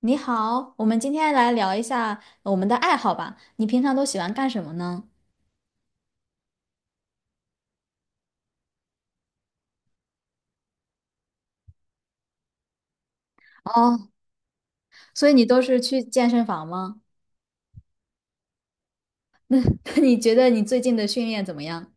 你好，我们今天来聊一下我们的爱好吧。你平常都喜欢干什么呢？哦，所以你都是去健身房吗？你觉得你最近的训练怎么样？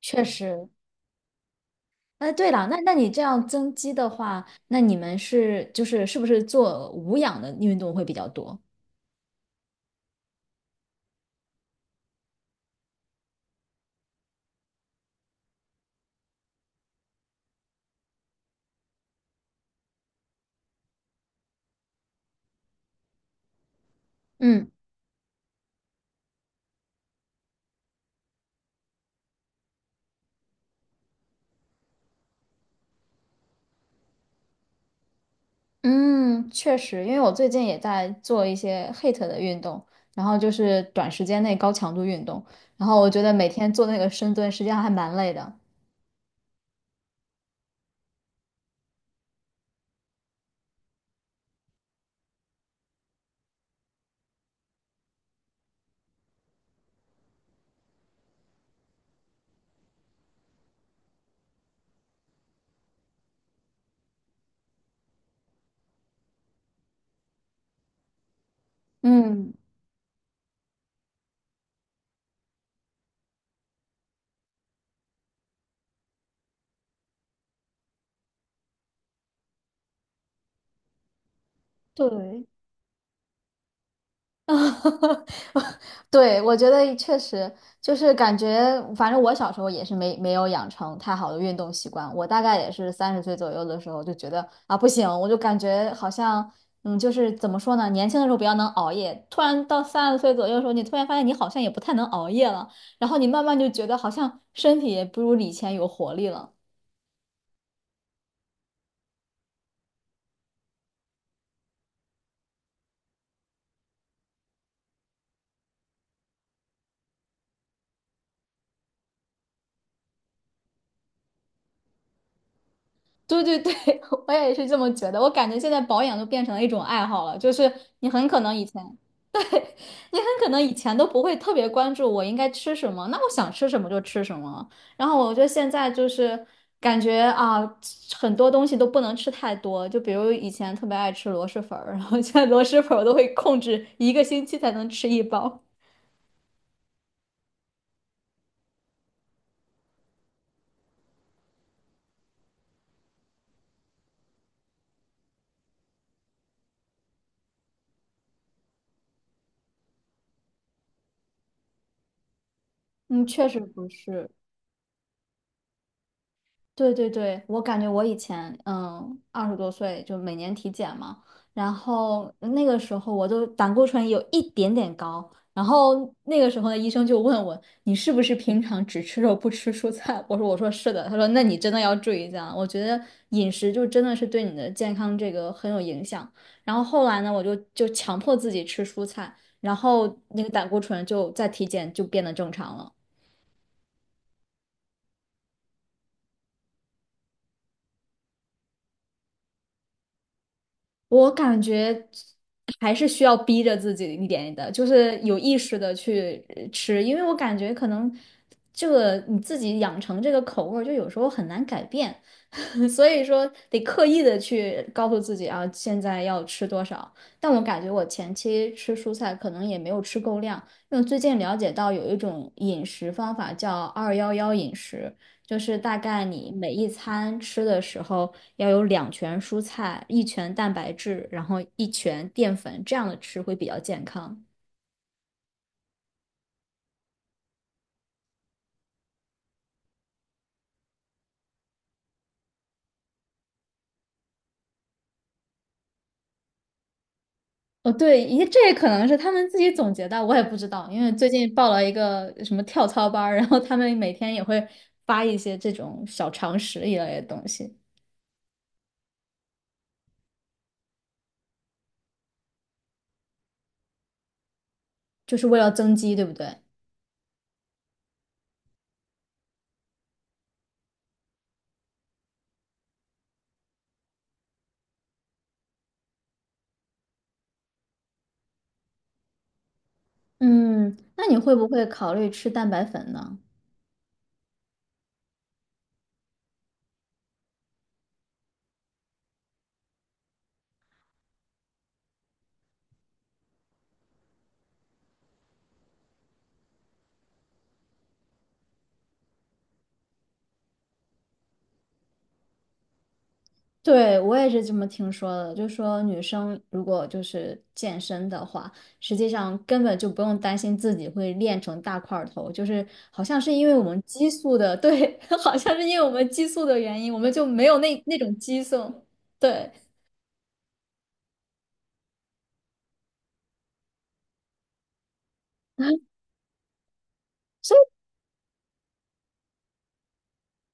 确实。对了，那你这样增肌的话，那你们是不是做无氧的运动会比较多？嗯嗯，确实，因为我最近也在做一些 HIIT 的运动，然后就是短时间内高强度运动，然后我觉得每天做那个深蹲，实际上还蛮累的。嗯，对。啊，对，我觉得确实就是感觉，反正我小时候也是没有养成太好的运动习惯。我大概也是三十岁左右的时候就觉得啊不行，我就感觉好像就是怎么说呢，年轻的时候比较能熬夜，突然到三十岁左右的时候，你突然发现你好像也不太能熬夜了，然后你慢慢就觉得好像身体也不如以前有活力了。对对对，我也是这么觉得。我感觉现在保养都变成了一种爱好了，就是你很可能以前。你很可能以前都不会特别关注我应该吃什么，那我想吃什么就吃什么。然后我觉得现在就是感觉啊，很多东西都不能吃太多，就比如以前特别爱吃螺蛳粉儿，然后现在螺蛳粉儿我都会控制一个星期才能吃一包。嗯，确实不是。对对对，我感觉我以前二十多岁就每年体检嘛，然后那个时候我都胆固醇有一点点高，然后那个时候的医生就问我你是不是平常只吃肉不吃蔬菜？我说是的，他说那你真的要注意一下，我觉得饮食就真的是对你的健康这个很有影响。然后后来呢，我就强迫自己吃蔬菜，然后那个胆固醇就在体检就变得正常了。我感觉还是需要逼着自己一点的，就是有意识的去吃，因为我感觉可能这个你自己养成这个口味儿就有时候很难改变，所以说得刻意的去告诉自己啊，现在要吃多少。但我感觉我前期吃蔬菜可能也没有吃够量，因为最近了解到有一种饮食方法叫“二幺幺饮食”，就是大概你每一餐吃的时候要有两拳蔬菜，一拳蛋白质，然后一拳淀粉，这样的吃会比较健康。哦，对，咦，这也可能是他们自己总结的，我也不知道，因为最近报了一个什么跳操班儿然后他们每天也会发一些这种小常识一类的东西，就是为了增肌，对不对？嗯，那你会不会考虑吃蛋白粉呢？对，我也是这么听说的，就说女生如果就是健身的话，实际上根本就不用担心自己会练成大块儿头，就是好像是因为我们激素的，对，好像是因为我们激素的原因，我们就没有那种激素，对，啊所以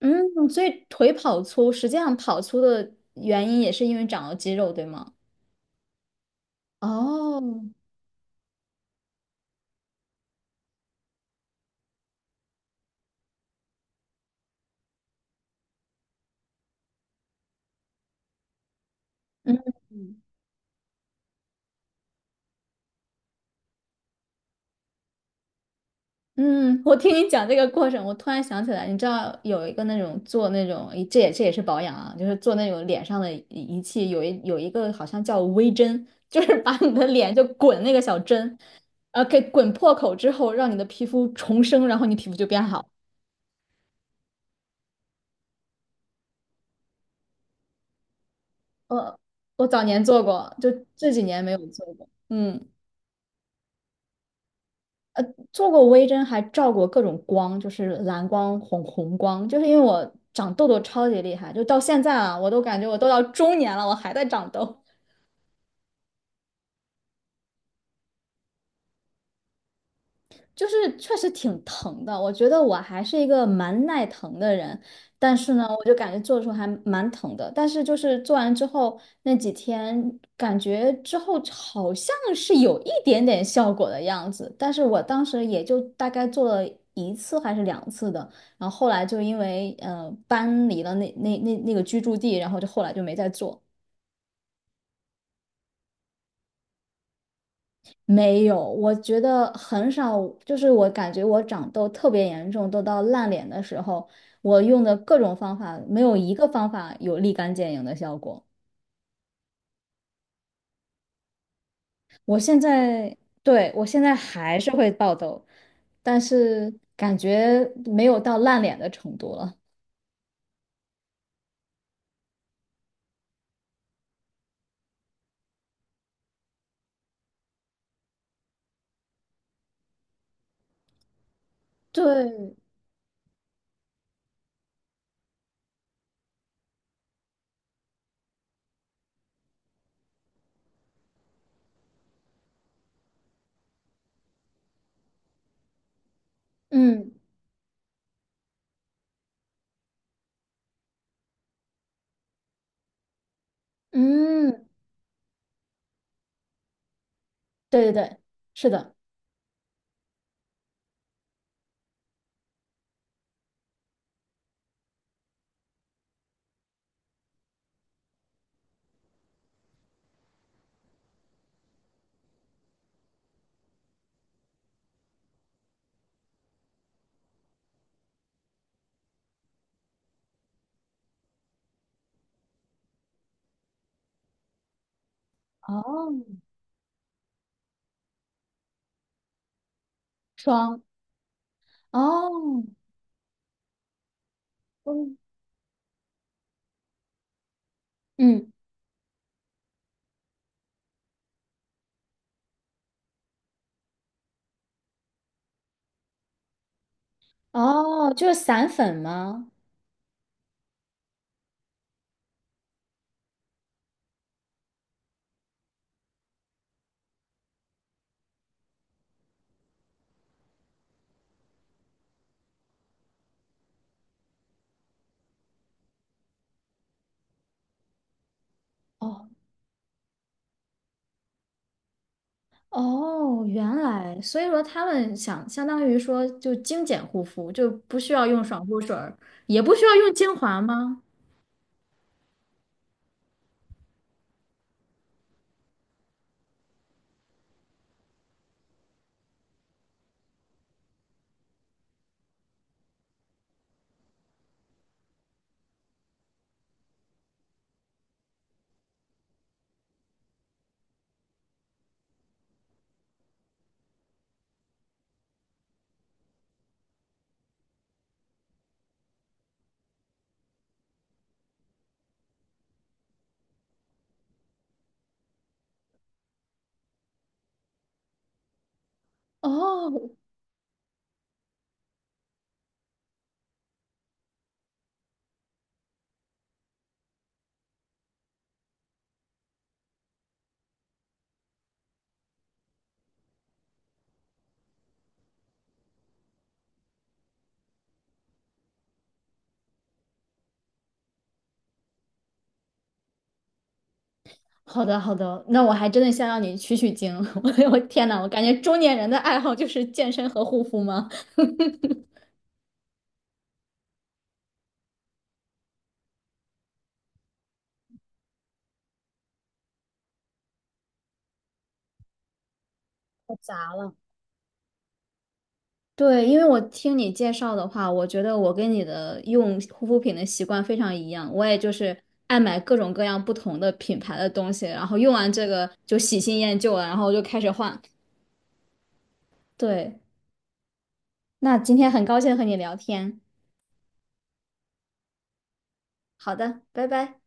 嗯，所以腿跑粗，实际上跑粗的原因也是因为长了肌肉，对吗？哦，嗯。嗯，我听你讲这个过程，我突然想起来，你知道有一个那种做那种，这也是保养啊，就是做那种脸上的仪器，有一个好像叫微针，就是把你的脸就滚那个小针，给滚破口之后，让你的皮肤重生，然后你皮肤就变好。呃，我早年做过，就这几年没有做过。嗯。做过微针，还照过各种光，就是蓝光、红光，就是因为我长痘痘超级厉害，就到现在啊，我都感觉我都到中年了，我还在长痘。就是确实挺疼的。我觉得我还是一个蛮耐疼的人，但是呢，我就感觉做的时候还蛮疼的。但是就是做完之后那几天，感觉之后好像是有一点点效果的样子。但是我当时也就大概做了一次还是两次的，然后后来就因为搬离了那个居住地，然后就后来就没再做。没有，我觉得很少，就是我感觉我长痘特别严重，都到烂脸的时候，我用的各种方法，没有一个方法有立竿见影的效果。我现在，对，我现在还是会爆痘，但是感觉没有到烂脸的程度了。对，嗯嗯，对对对，是的，哦，霜，哦，嗯嗯，哦，就是散粉吗？哦。哦，原来，所以说他们想相当于说就精简护肤，就不需要用爽肤水儿也不需要用精华吗？哦，好的好的，那我还真的想让你取取经。我天呐，我感觉中年人的爱好就是健身和护肤吗？太杂了。对，因为我听你介绍的话，我觉得我跟你的用护肤品的习惯非常一样，我也就是爱买各种各样不同的品牌的东西，然后用完这个就喜新厌旧了，然后就开始换。对，那今天很高兴和你聊天。好的，拜拜。